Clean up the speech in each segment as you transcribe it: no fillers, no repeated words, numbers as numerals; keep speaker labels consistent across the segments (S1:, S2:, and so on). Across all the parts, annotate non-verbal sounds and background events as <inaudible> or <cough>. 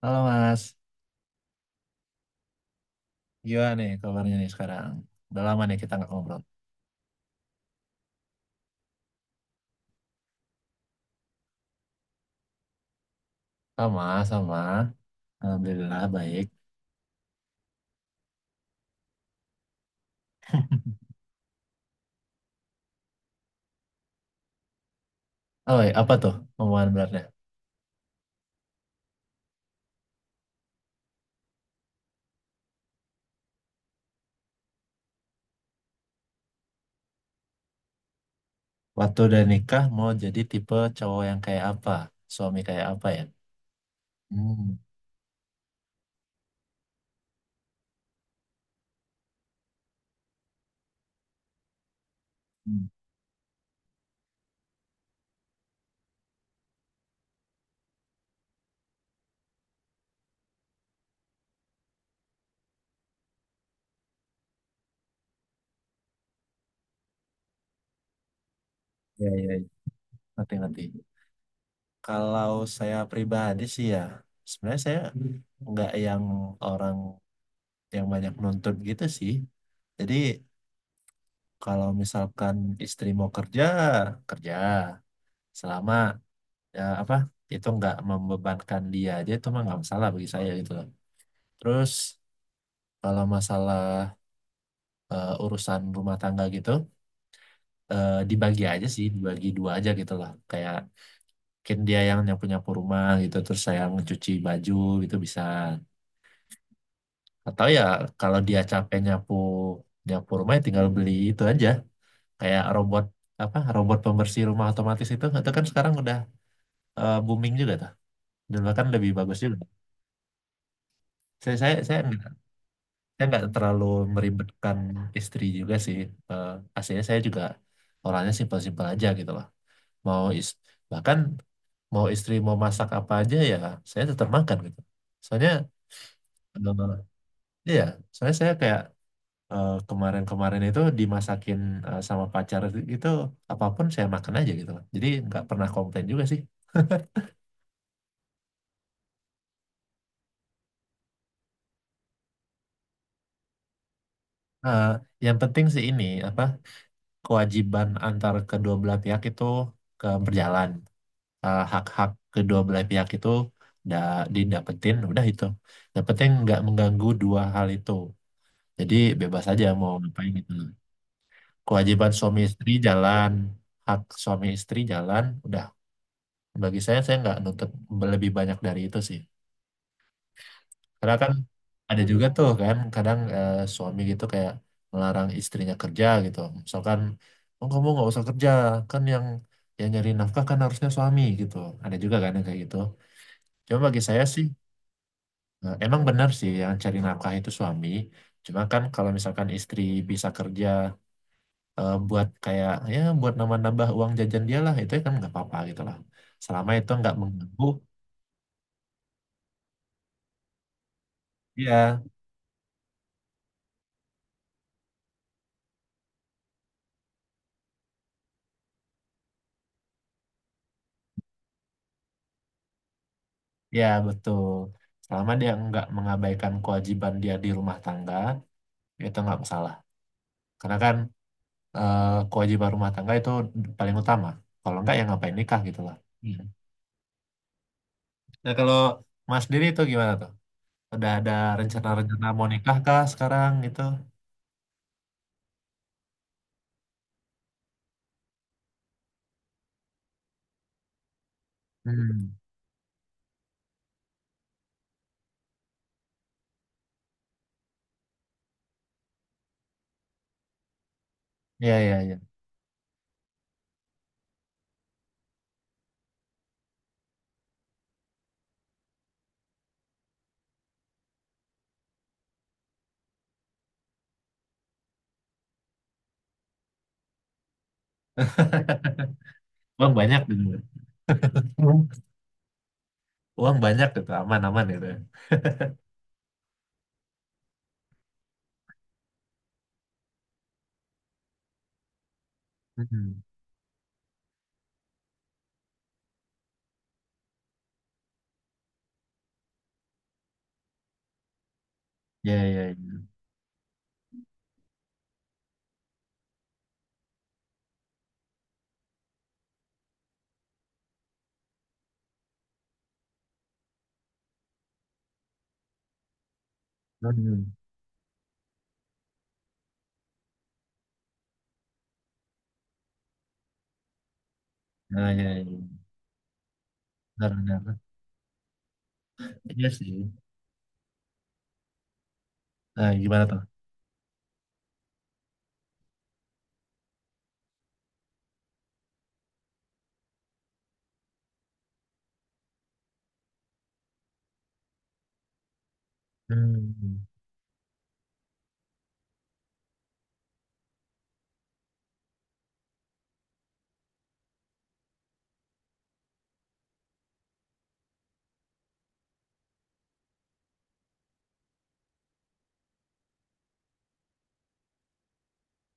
S1: Halo Mas, gimana nih kabarnya nih sekarang? Udah lama nih kita nggak ngobrol. Sama, sama. Alhamdulillah baik. <laughs> Oh, iya, apa tuh omongan beratnya? Waktu udah nikah mau jadi tipe cowok yang kayak apa? Suami kayak apa ya? Hmm, hmm. Ya, ya, ya. Nanti, nanti. Kalau saya pribadi sih ya, sebenarnya saya nggak yang orang yang banyak nuntut gitu sih. Jadi kalau misalkan istri mau kerja, kerja. Selama ya apa itu nggak membebankan dia aja itu mah nggak masalah bagi saya gitu loh, terus kalau masalah urusan rumah tangga gitu dibagi aja sih, dibagi dua aja gitu loh. Kayak mungkin dia yang nyapu nyapu rumah gitu, terus saya mencuci baju gitu bisa. Atau ya kalau dia capek nyapu nyapu rumah ya tinggal beli itu aja, kayak robot, apa, robot pembersih rumah otomatis. Itu kan sekarang udah booming juga tuh, dan bahkan lebih bagus juga. Saya saya nggak terlalu meribetkan istri juga sih. Eh, Aslinya saya juga orangnya simpel-simpel aja gitu lah. Mau is, bahkan mau istri mau masak apa aja ya, saya tetap makan gitu. Soalnya eh, iya, soalnya saya kayak kemarin-kemarin itu dimasakin sama pacar gitu, apapun saya makan aja gitu lah. Jadi nggak pernah komplain juga sih. Eh, yang penting sih ini, apa, kewajiban antar kedua belah pihak itu ke berjalan. Hak-hak kedua belah pihak itu udah didapetin, udah itu, yang penting nggak mengganggu dua hal itu. Jadi bebas aja mau ngapain gitu loh. Kewajiban suami istri jalan, hak suami istri jalan, udah, bagi saya nggak nuntut lebih banyak dari itu sih. Karena kan ada juga tuh kan kadang suami gitu kayak melarang istrinya kerja gitu, misalkan, oh kamu nggak usah kerja, kan yang nyari nafkah kan harusnya suami gitu. Ada juga kan yang kayak gitu. Cuma bagi saya sih, nah, emang benar sih yang cari nafkah itu suami. Cuma kan kalau misalkan istri bisa kerja buat kayak ya buat nambah-nambah uang jajan dia lah, itu kan nggak apa-apa gitu lah. Selama itu nggak mengganggu, ya, ya betul. Selama dia nggak mengabaikan kewajiban dia di rumah tangga, itu nggak masalah. Karena kan eh, kewajiban rumah tangga itu paling utama. Kalau nggak ya ngapain nikah gitu lah. Hmm. Nah kalau Mas sendiri itu gimana tuh? Udah ada rencana-rencana mau nikah kah sekarang gitu? Hmm. Ya, ya, ya. <laughs> Uang banyak gitu. <laughs> Hmm. Uang banyak gitu, aman-aman gitu, ya. Hmm. Ya, ya, ya. Hmm. Nah, ya, ya. Benar, benar. Iya sih. Nah, gimana tuh? Hmm.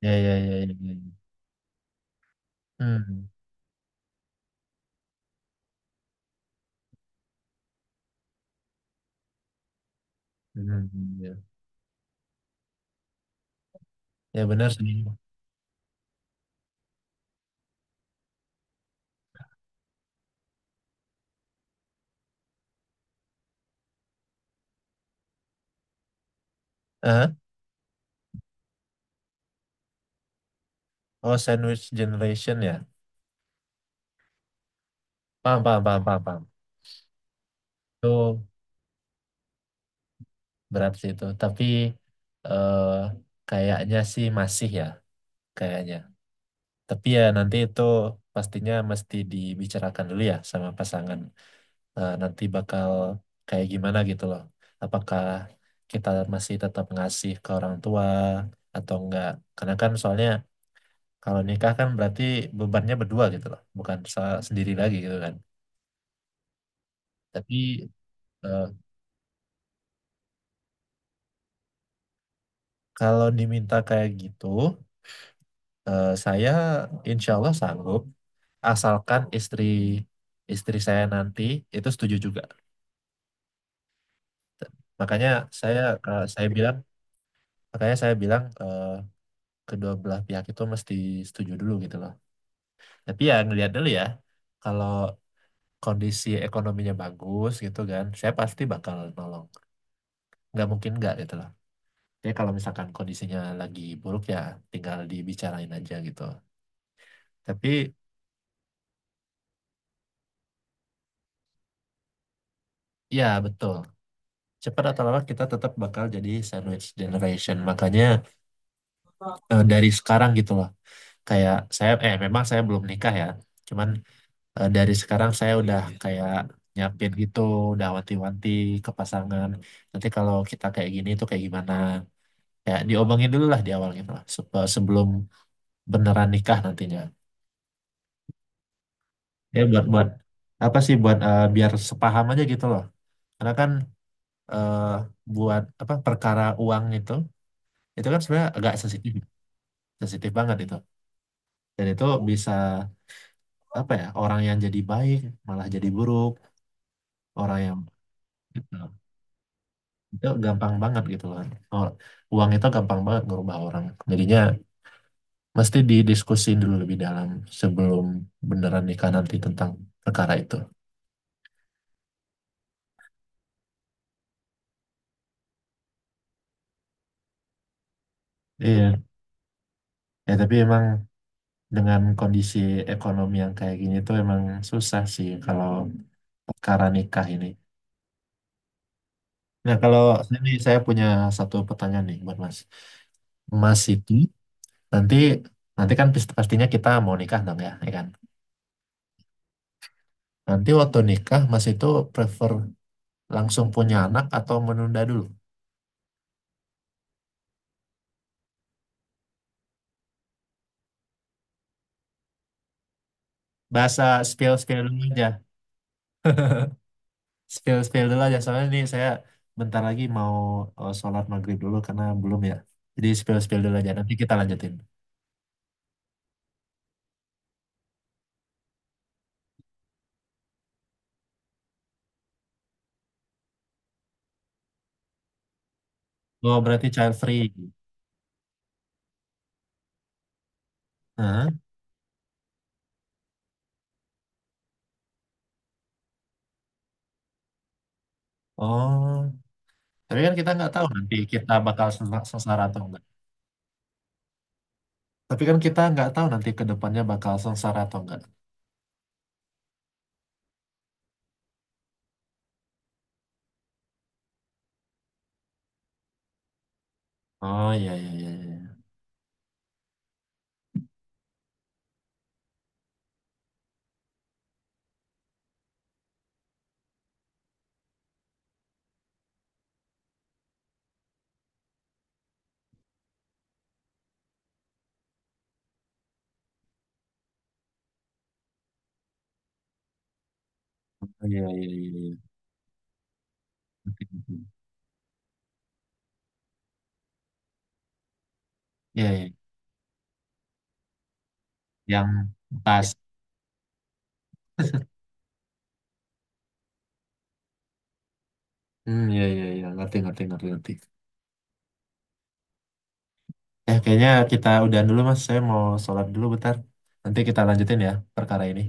S1: Ya, ya, ya, ya, ya, ya. Hmm. Hmm. Ya, ya benar sih. Eh? Oh, sandwich generation ya. Paham, paham, paham, paham, paham. Itu berat sih itu. Tapi eh kayaknya sih masih ya. Kayaknya. Tapi ya nanti itu pastinya mesti dibicarakan dulu ya sama pasangan. Eh, nanti bakal kayak gimana gitu loh. Apakah kita masih tetap ngasih ke orang tua atau enggak? Karena kan soalnya kalau nikah kan berarti bebannya berdua gitu loh, bukan se- sendiri lagi gitu kan. Tapi eh, kalau diminta kayak gitu, saya insya Allah sanggup, asalkan istri, saya nanti itu setuju juga. Makanya saya eh, saya bilang makanya saya bilang kedua belah pihak itu mesti setuju dulu gitu loh. Tapi ya ngelihat dulu ya, kalau kondisi ekonominya bagus gitu kan, saya pasti bakal nolong. Nggak mungkin nggak gitu loh. Jadi kalau misalkan kondisinya lagi buruk ya tinggal dibicarain aja gitu. Tapi ya betul, cepat atau lambat kita tetap bakal jadi sandwich generation. Makanya dari sekarang gitu loh. Kayak saya, eh memang saya belum nikah ya. Cuman, dari sekarang saya udah kayak nyiapin gitu, udah wanti-wanti ke pasangan. Nanti kalau kita kayak gini tuh kayak gimana? Kayak diomongin dulu lah di awal gitu lah, sep- sebelum beneran nikah nantinya. Ya buat buat, apa sih, buat biar sepaham aja gitu loh. Karena kan eh, buat apa, perkara uang itu kan sebenarnya agak sensitif, sensitif banget itu. Dan itu bisa, apa ya, orang yang jadi baik malah jadi buruk, orang yang, itu gampang banget gitu kan. Oh, uang itu gampang banget ngerubah orang. Jadinya mesti didiskusin dulu lebih dalam sebelum beneran nikah nanti tentang perkara itu. Iya. Ya tapi emang dengan kondisi ekonomi yang kayak gini tuh emang susah sih kalau perkara nikah ini. Nah kalau ini saya punya satu pertanyaan nih buat Mas. Mas itu nanti, nanti kan pis- pastinya kita mau nikah dong ya, ya kan? Nanti waktu nikah Mas itu prefer langsung punya anak atau menunda dulu? Bahasa, spill spill dulu aja, spill spill dulu aja. Soalnya ini saya bentar lagi mau sholat maghrib dulu karena belum ya. Jadi spill spill dulu aja. Nanti kita lanjutin. Oh berarti child free. Hah? Oh, tapi kan kita nggak tahu nanti kita bakal sesa- sengsara atau enggak. Tapi kan kita nggak tahu nanti ke depannya bakal sengsara atau enggak. Oh iya iya iya iya. Oh, iya iya iya iya. Ngerti, ngerti. Iya, iya. Yang pas. <laughs> Hmm, iya, iya, iya. Ngerti, ngerti, ngerti, ngerti. Ya, kayaknya kita udahan dulu Mas. Saya mau sholat dulu bentar. Nanti kita lanjutin ya perkara ini.